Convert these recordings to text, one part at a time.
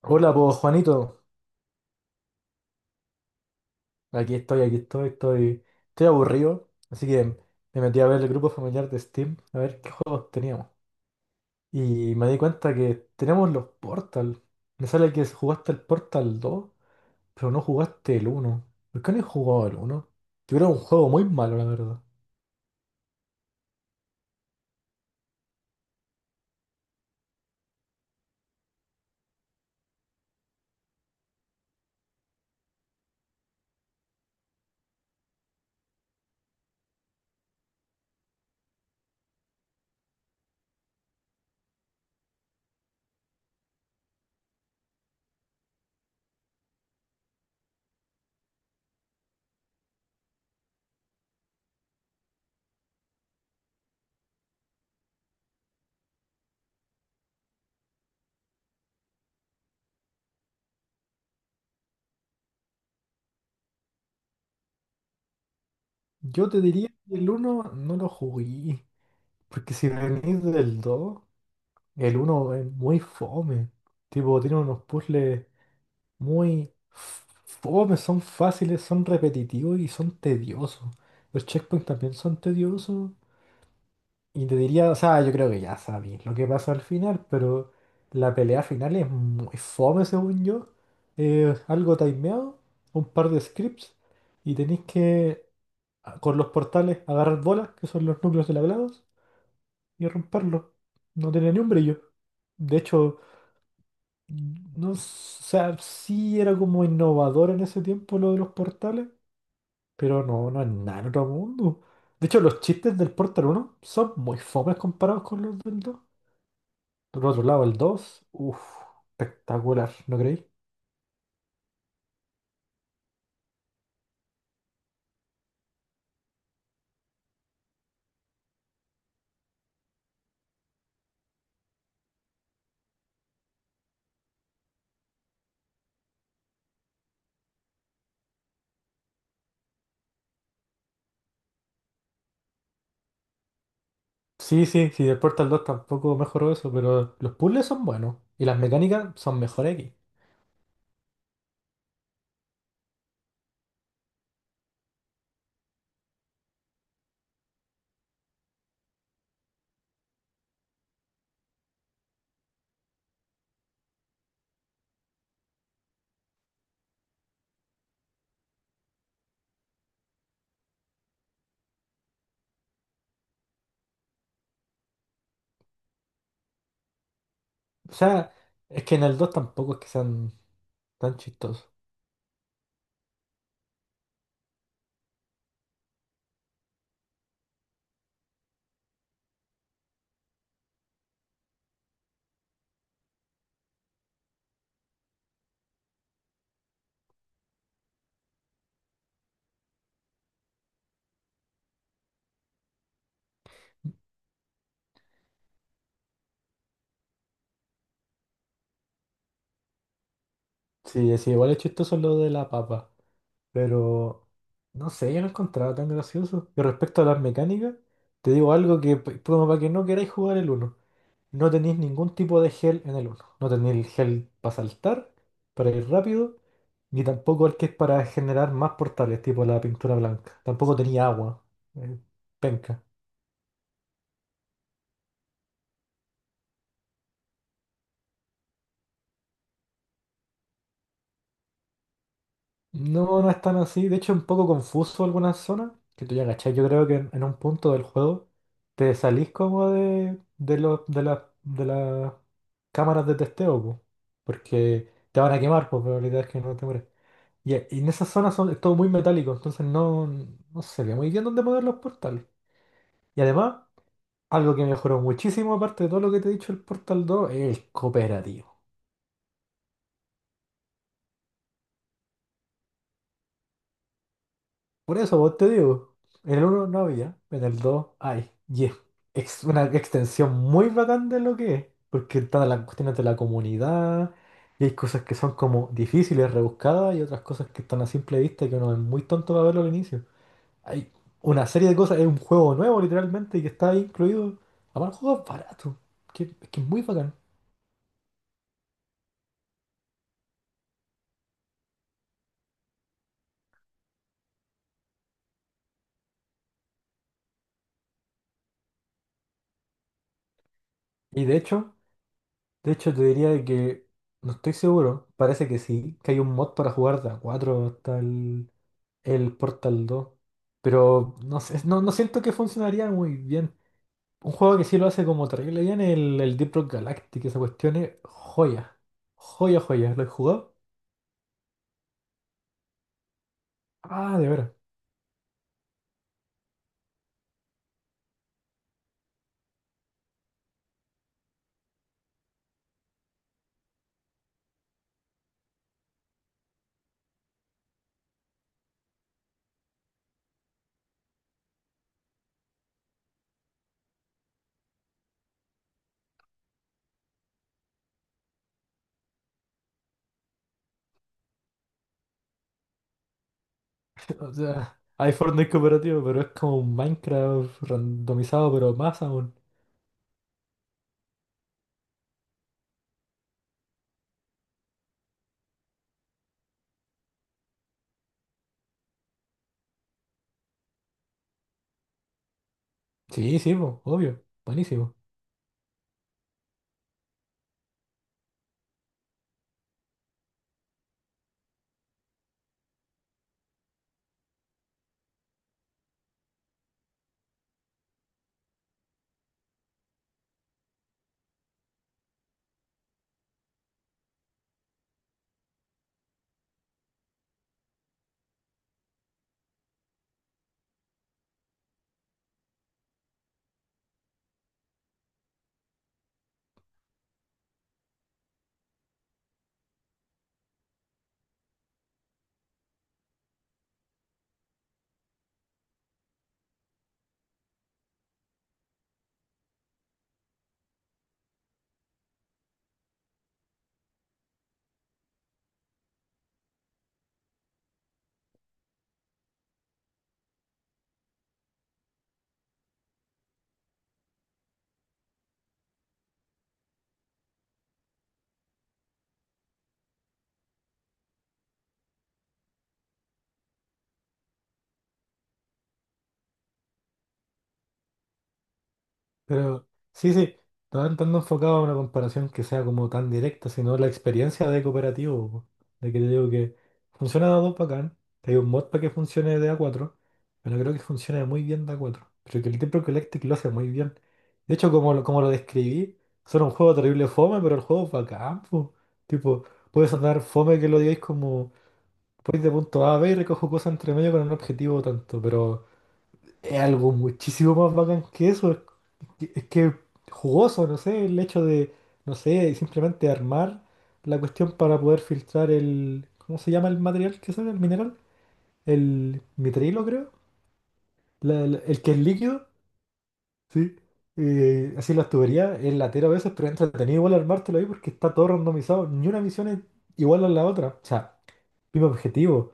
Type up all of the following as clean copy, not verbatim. Hola, pues Juanito, aquí estoy, estoy aburrido, así que me metí a ver el grupo familiar de Steam, a ver qué juegos teníamos. Y me di cuenta que tenemos los Portal. Me sale que jugaste el Portal 2, pero no jugaste el uno. ¿Por qué no he jugado el uno? Yo creo un juego muy malo, la verdad. Yo te diría que el uno no lo jugué, porque si venís del 2, el uno es muy fome. Tipo, tiene unos puzzles muy fome, son fáciles, son repetitivos y son tediosos. Los checkpoints también son tediosos. Y te diría, o sea, yo creo que ya sabéis lo que pasa al final, pero la pelea final es muy fome, según yo. Algo timeado, un par de scripts, y tenéis que, con los portales, agarrar bolas, que son los núcleos de la GLaDOS, y romperlos. No tiene ni un brillo. De hecho, no, o sea, sí era como innovador en ese tiempo lo de los portales, pero no es nada en otro mundo. De hecho, los chistes del Portal uno son muy fomes comparados con los del dos. Por otro lado, el dos, uff, espectacular, ¿no creéis? Sí, sí, sí, el Portal dos tampoco mejoró eso, pero los puzzles son buenos y las mecánicas son mejores aquí. O sea, es que en el 2 tampoco es que sean tan chistosos. Sí, sí, igual es chistoso lo de la papa. Pero no sé, yo no encontraba tan gracioso. Y respecto a las mecánicas, te digo algo que, como para que no queráis jugar el uno. No tenéis ningún tipo de gel en el uno. No tenéis el gel para saltar, para ir rápido, ni tampoco el que es para generar más portales, tipo la pintura blanca. Tampoco tenía agua. eh, Penca. No, no es tan así. De hecho, es un poco confuso algunas zonas. Que tú ya cachai. Yo creo que en un punto del juego te salís como de las cámaras de testeo, po, porque te van a quemar, pues probabilidad es que no te mueres. Y en esas zonas es todo muy metálico, entonces no se ve muy bien dónde poner los portales. Y además, algo que mejoró muchísimo, aparte de todo lo que te he dicho, el Portal dos es el cooperativo. Por eso vos te digo, en el uno no había, en el 2 hay. Y es una extensión muy bacán de lo que es, porque están las cuestiones de la comunidad, y hay cosas que son como difíciles, rebuscadas, y otras cosas que están a simple vista y que uno es muy tonto para verlo al inicio. Hay una serie de cosas, es un juego nuevo literalmente, y que está ahí incluido. Aparte, el juego es barato, es que es muy bacán. Y de hecho, te diría de que, no estoy seguro, parece que sí, que hay un mod para jugar de a 4 hasta el Portal dos. Pero no sé, no siento que funcionaría muy bien. Un juego que sí lo hace como terrible bien, el Deep Rock Galactic, esa cuestión es joya. Joya, joya. ¿Lo he jugado? Ah, de veras. O sea, hay Fortnite cooperativo, pero es como un Minecraft randomizado, pero más aún. Sí, sí, po, obvio. Buenísimo. Pero sí, sí, no tan enfocado a una comparación que sea como tan directa, sino la experiencia de cooperativo, po. De que te digo que funciona de a dos bacán, que hay un mod para que funcione de a cuatro, pero creo que funciona muy bien de a cuatro. Creo que el Temple Collective lo hace muy bien. De hecho, como, como lo describí, suena un juego terrible fome, pero el juego es bacán, po. Tipo, puedes andar fome que lo digáis como voy de punto A a B y recojo cosas entre medio con un objetivo tanto, pero es algo muchísimo más bacán que eso. Es que jugoso, no sé, el hecho de, no sé, simplemente armar la cuestión para poder filtrar el, ¿cómo se llama el material que sale? El mineral, el mitrilo, creo. El que es líquido, sí. Así las tuberías, es latero a veces, pero es entretenido igual armártelo ahí porque está todo randomizado, ni una misión es igual a la otra, o sea, mismo objetivo,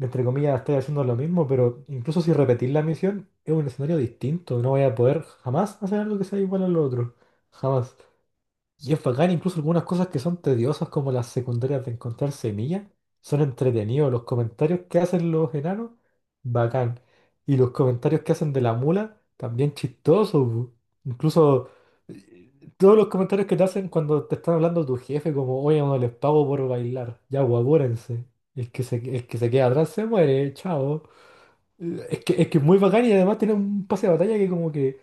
entre comillas, estoy haciendo lo mismo, pero incluso si repetís la misión, es un escenario distinto, no voy a poder jamás hacer algo que sea igual al otro, jamás. Y es bacán, incluso algunas cosas que son tediosas, como las secundarias de encontrar semillas, son entretenidos. Los comentarios que hacen los enanos, bacán. Y los comentarios que hacen de la mula, también chistosos, bu. Incluso todos los comentarios que te hacen cuando te están hablando tu jefe, como, oye, no les pago por bailar, ya, guapúrense. El que se queda atrás se muere, chao. Es que es muy bacán y además tiene un pase de batalla que como que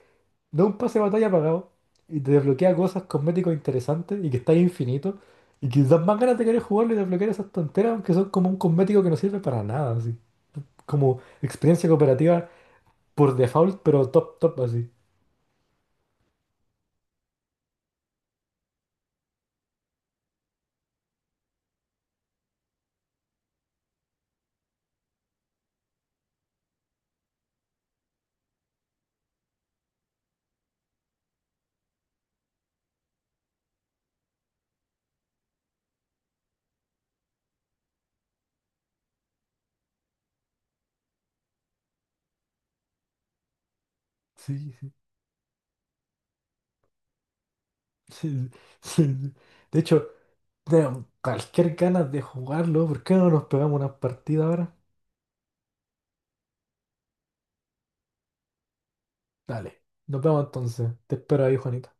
da un pase de batalla pagado y te desbloquea cosas, cosméticos interesantes y que está ahí infinito y que dan más ganas de querer jugarlo y desbloquear esas tonteras, aunque son como un cosmético que no sirve para nada, así. Como experiencia cooperativa por default, pero top, top, así. Sí, sí, sí, sí, sí. De hecho, tengo cualquier ganas de jugarlo, ¿por qué no nos pegamos una partida ahora? Dale, nos vemos entonces. Te espero ahí, Juanita.